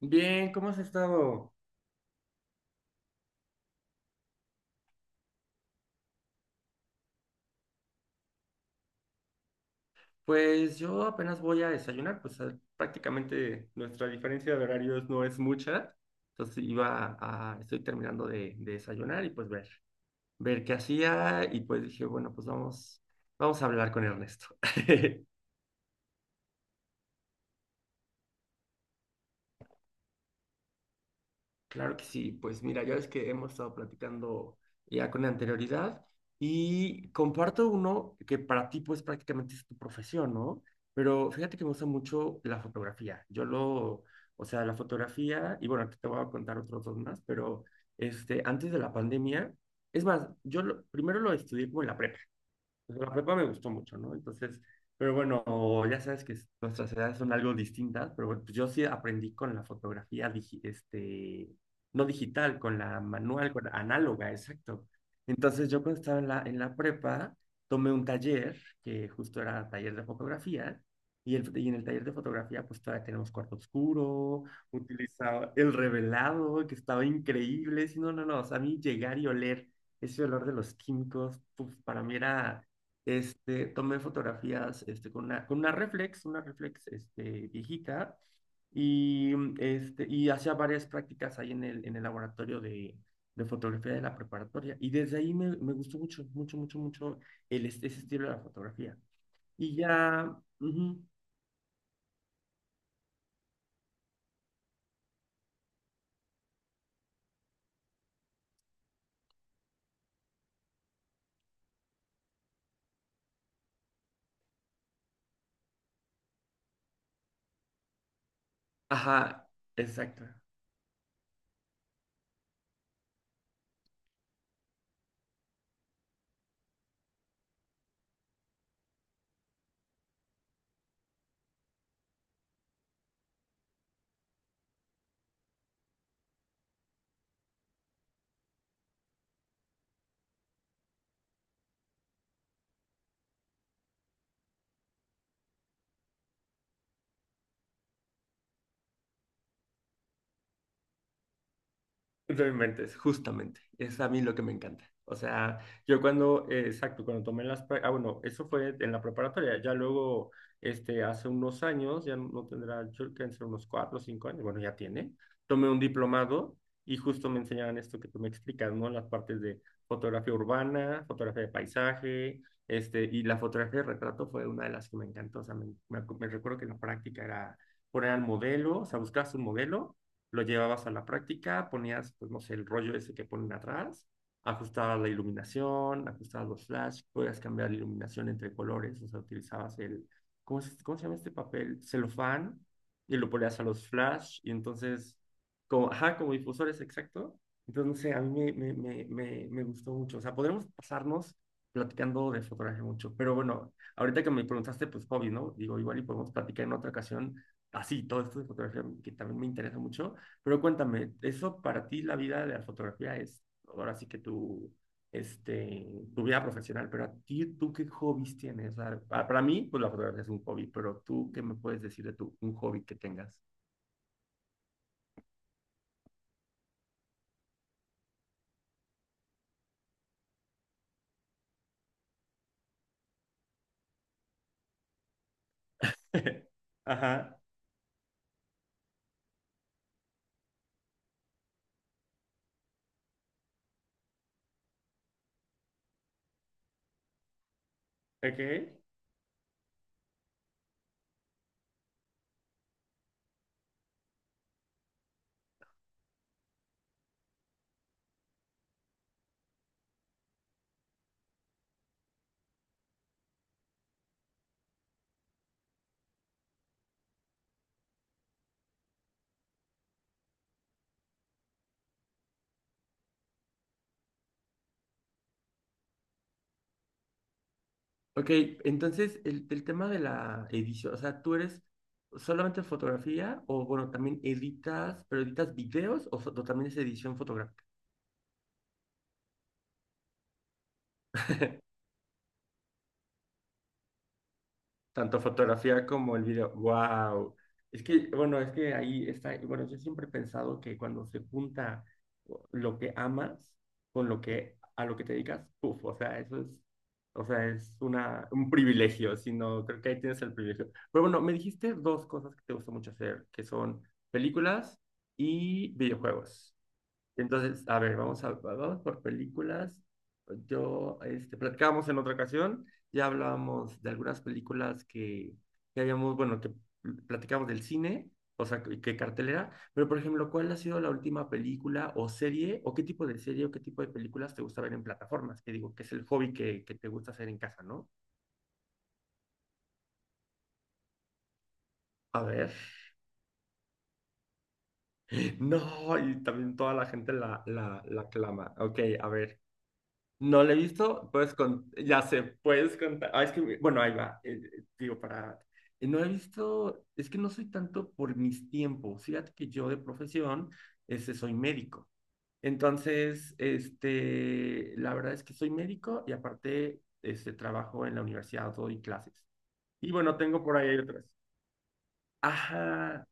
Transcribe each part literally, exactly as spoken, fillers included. Bien, ¿cómo has estado? Pues yo apenas voy a desayunar, pues a- prácticamente nuestra diferencia de horarios no es mucha. Entonces iba a, estoy terminando de, de desayunar y pues ver, ver qué hacía y pues dije, bueno, pues vamos, vamos a hablar con Ernesto. Claro que sí, pues mira, ya ves que hemos estado platicando ya con anterioridad y comparto uno que para ti pues prácticamente es tu profesión, ¿no? Pero fíjate que me gusta mucho la fotografía. Yo lo, o sea, La fotografía, y bueno, aquí te voy a contar otros dos más, pero este, antes de la pandemia, es más, yo lo- primero lo estudié como en la prepa, pues la prepa me gustó mucho, ¿no? Entonces, pero bueno, ya sabes que nuestras edades son algo distintas, pero bueno, pues yo sí aprendí con la fotografía, digi- este, no digital, con la manual, con la análoga, exacto. Entonces yo cuando estaba en la, en la prepa, tomé un taller, que justo era taller de fotografía, y, el, y en el taller de fotografía pues todavía tenemos cuarto oscuro, utilizaba el revelado, que estaba increíble, sí, no, no, no, o sea, a mí llegar y oler ese olor de los químicos, puf, para mí era este, tomé fotografías este, con una, con una reflex, una reflex este, viejita, y, mm, este, y hacía varias prácticas ahí en el, en el laboratorio de, de fotografía de la preparatoria. Y desde ahí me, me gustó mucho, mucho, mucho, mucho el, est- ese estilo de la fotografía. Y ya, ujú, ajá, exacto. No inventes, justamente. Es a mí lo que me encanta. O sea, yo cuando, eh, exacto, cuando tomé las... pra- Ah, bueno, eso fue en la preparatoria. Ya luego, este, hace unos años, ya no tendrá, yo creo que ser unos cuatro o cinco años, bueno, ya tiene. Tomé un diplomado y justo me enseñaban esto que tú me explicas, ¿no? Las partes de fotografía urbana, fotografía de paisaje, este, y la fotografía de retrato fue una de las que me encantó. O sea, me, me, ac- me recuerdo que la práctica era poner al modelo, o sea, buscabas un modelo, lo llevabas a la práctica, ponías, pues no sé, el rollo ese que ponen atrás, ajustabas la iluminación, ajustabas los flash, podías cambiar la iluminación entre colores, o sea, utilizabas el, ¿cómo se, cómo se llama este papel? Celofán, y lo ponías a los flash, y entonces, como, ajá, como difusores, exacto. Entonces, no sé, a mí me, me, me, me, me gustó mucho. O sea, podremos pasarnos platicando de fotografía mucho, pero bueno, ahorita que me preguntaste, pues hobby, ¿no? Digo, igual y podemos platicar en otra ocasión así, todo esto de fotografía que también me interesa mucho, pero cuéntame, eso para ti la vida de la fotografía es ahora sí que tu, este, tu vida profesional, pero a ti, ¿tú qué hobbies tienes? O sea, pa- para mí, pues la fotografía es un hobby, pero tú, ¿qué me puedes decir de tu, un hobby que tengas? Ajá, ok. Ok, entonces el, el tema de la edición, o sea, ¿tú eres solamente fotografía o bueno, también editas, pero editas videos o, fo- o también es edición fotográfica? Tanto fotografía como el video. ¡Wow! Es que, bueno, es que ahí está. Bueno, yo siempre he pensado que cuando se junta lo que amas con lo que a lo que te dedicas, ¡puf! O sea, eso es, o sea, es una, un privilegio, sino creo que ahí tienes el privilegio. Pero bueno, me dijiste dos cosas que te gusta mucho hacer, que son películas y videojuegos. Entonces, a ver, vamos a, vamos por películas. Yo, este, platicábamos en otra ocasión, ya hablábamos de algunas películas que, que habíamos, bueno, que platicábamos del cine, o sea, que, que cartelera, pero por ejemplo, ¿cuál ha sido la última película o serie, o qué tipo de serie o qué tipo de películas te gusta ver en plataformas? Que digo, que es el hobby que, que te gusta hacer en casa, ¿no? A ver. No, y también toda la gente la, la, la clama. Ok, a ver. No la he visto, puedes con... ya sé, puedes contar. Ah, es que, bueno, ahí va. eh, eh, digo, para. Eh, no he visto, es que no soy tanto por mis tiempos. Fíjate que yo de profesión, este, soy médico. Entonces, este, la verdad es que soy médico y aparte, este, trabajo en la universidad, doy clases. Y bueno, tengo por ahí otras. Ajá,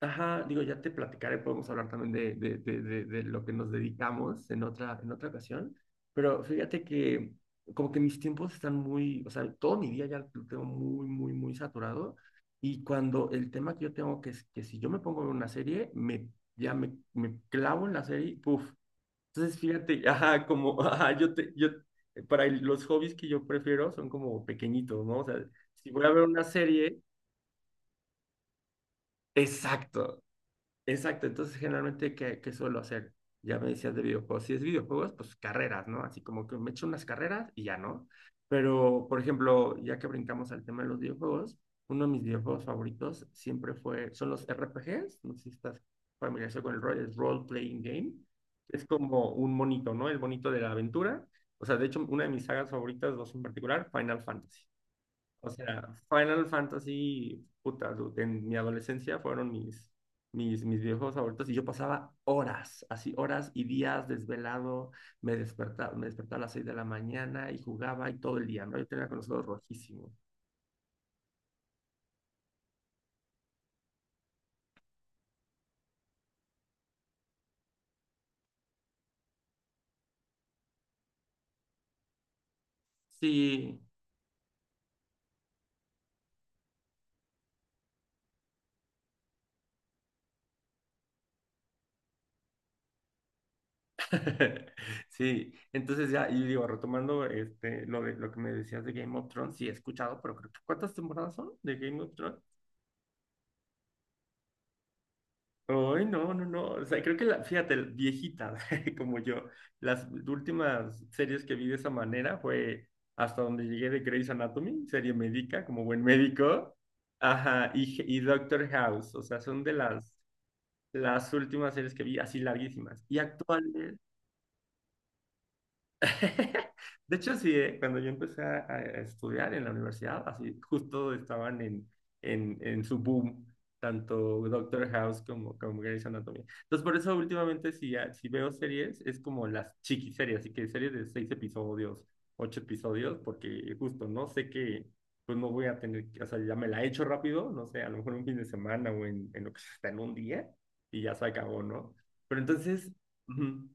ajá, digo, ya te platicaré, podemos hablar también de, de, de, de, de lo que nos dedicamos en otra, en otra ocasión, pero fíjate que como que mis tiempos están muy, o sea, todo mi día ya lo tengo muy, muy, muy saturado y cuando el tema que yo tengo, que es que si yo me pongo a ver una serie, me, ya me, me clavo en la serie, y puf. Entonces, fíjate, ajá, como, ajá, yo te, yo, para el- los hobbies que yo prefiero son como pequeñitos, ¿no? O sea, si voy a ver una serie... Exacto. Exacto, entonces generalmente, ¿qué, qué suelo hacer? Ya me decías de videojuegos. Si es videojuegos, pues carreras, ¿no? Así como que me echo unas carreras y ya, ¿no? Pero, por ejemplo, ya que brincamos al tema de los videojuegos, uno de mis videojuegos favoritos siempre fue, son los R P Gs, no sé si estás familiarizado con el rol, es Role Playing Game. Es como un monito, ¿no? El monito de la aventura. O sea, de hecho, una de mis sagas favoritas, dos en particular, Final Fantasy. O sea, Final Fantasy, puta, dude, en mi adolescencia fueron mis, mis, mis videojuegos favoritos y yo pasaba horas, así horas y días desvelado, me despertaba, me despertaba a las seis de la mañana y jugaba y todo el día, ¿no? Yo tenía con los ojos rojísimos. Sí, sí. Entonces ya, y digo, retomando este, lo, de, lo que me decías de Game of Thrones, sí he escuchado, pero creo que ¿cuántas temporadas son de Game of Thrones? Ay, no, no, no. O sea, creo que la, fíjate, viejita, como yo, las últimas series que vi de esa manera fue hasta donde llegué de Grey's Anatomy, serie médica, como buen médico. Ajá, y, y Doctor House. O sea, son de las, las últimas series que vi así larguísimas. Y actuales. De hecho, sí, eh, cuando yo empecé a, a estudiar en la universidad, así justo estaban en, en, en su boom, tanto Doctor House como, como Grey's Anatomy. Entonces, por eso últimamente si, ya- si veo series, es como las chiquiseries, así que series de seis episodios, ocho episodios, porque justo no sé que, pues no voy a tener, que- o sea, ya me la he hecho rápido, no sé, a lo mejor un fin de semana o en, en lo que sea, hasta en un día, y ya se acabó, ¿no? Pero entonces... ujú.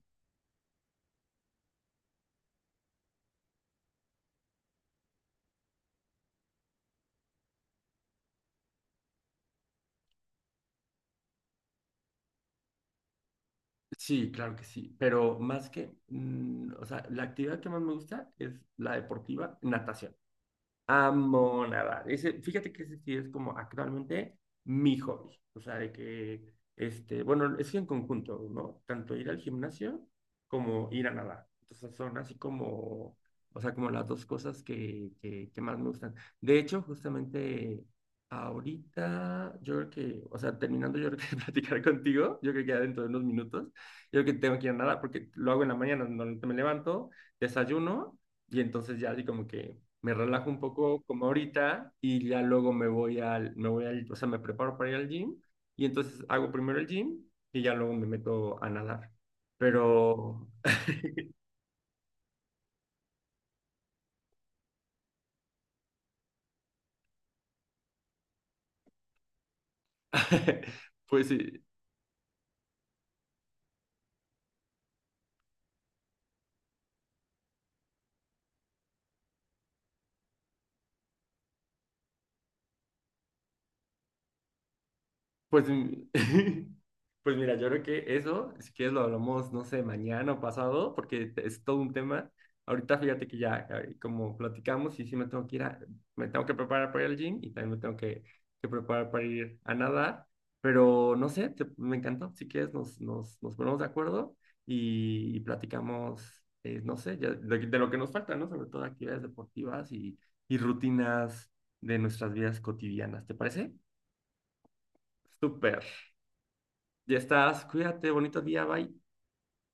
Sí, claro que sí, pero más que, mm, o sea, la actividad que más me gusta es la deportiva, natación. Amo nadar. Ese, fíjate que ese sí es como actualmente mi hobby. O sea, de que, este, bueno, es en conjunto, ¿no? Tanto ir al gimnasio como ir a nadar. Entonces son así como, o sea, como las dos cosas que, que, que más me gustan. De hecho, justamente ahorita, yo creo que, o sea, terminando yo creo que de platicar contigo, yo creo que ya dentro de unos minutos, yo creo que tengo que ir a nadar porque lo hago en la mañana, normalmente me levanto, desayuno. Y entonces ya así como que me relajo un poco como ahorita y ya luego me voy al, me voy al, o sea, me preparo para ir al gym y entonces hago primero el gym y ya luego me meto a nadar. Pero, pues sí, pues, mm, pues mira, yo creo que eso, si quieres lo hablamos, no sé, mañana o pasado, porque te- es todo un tema. Ahorita fíjate que ya, eh, como platicamos, y sí me tengo que ir a- me tengo que preparar para ir al gym y también me tengo que, que preparar para ir a nadar, pero no sé, te- me encantó. Si quieres nos, nos, nos ponemos de acuerdo y, y platicamos, eh, no sé, ya de, de lo que nos falta, ¿no? Sobre todo actividades deportivas y, y rutinas de nuestras vidas cotidianas, ¿te parece? Súper. Ya estás. Cuídate. Bonito día. Bye.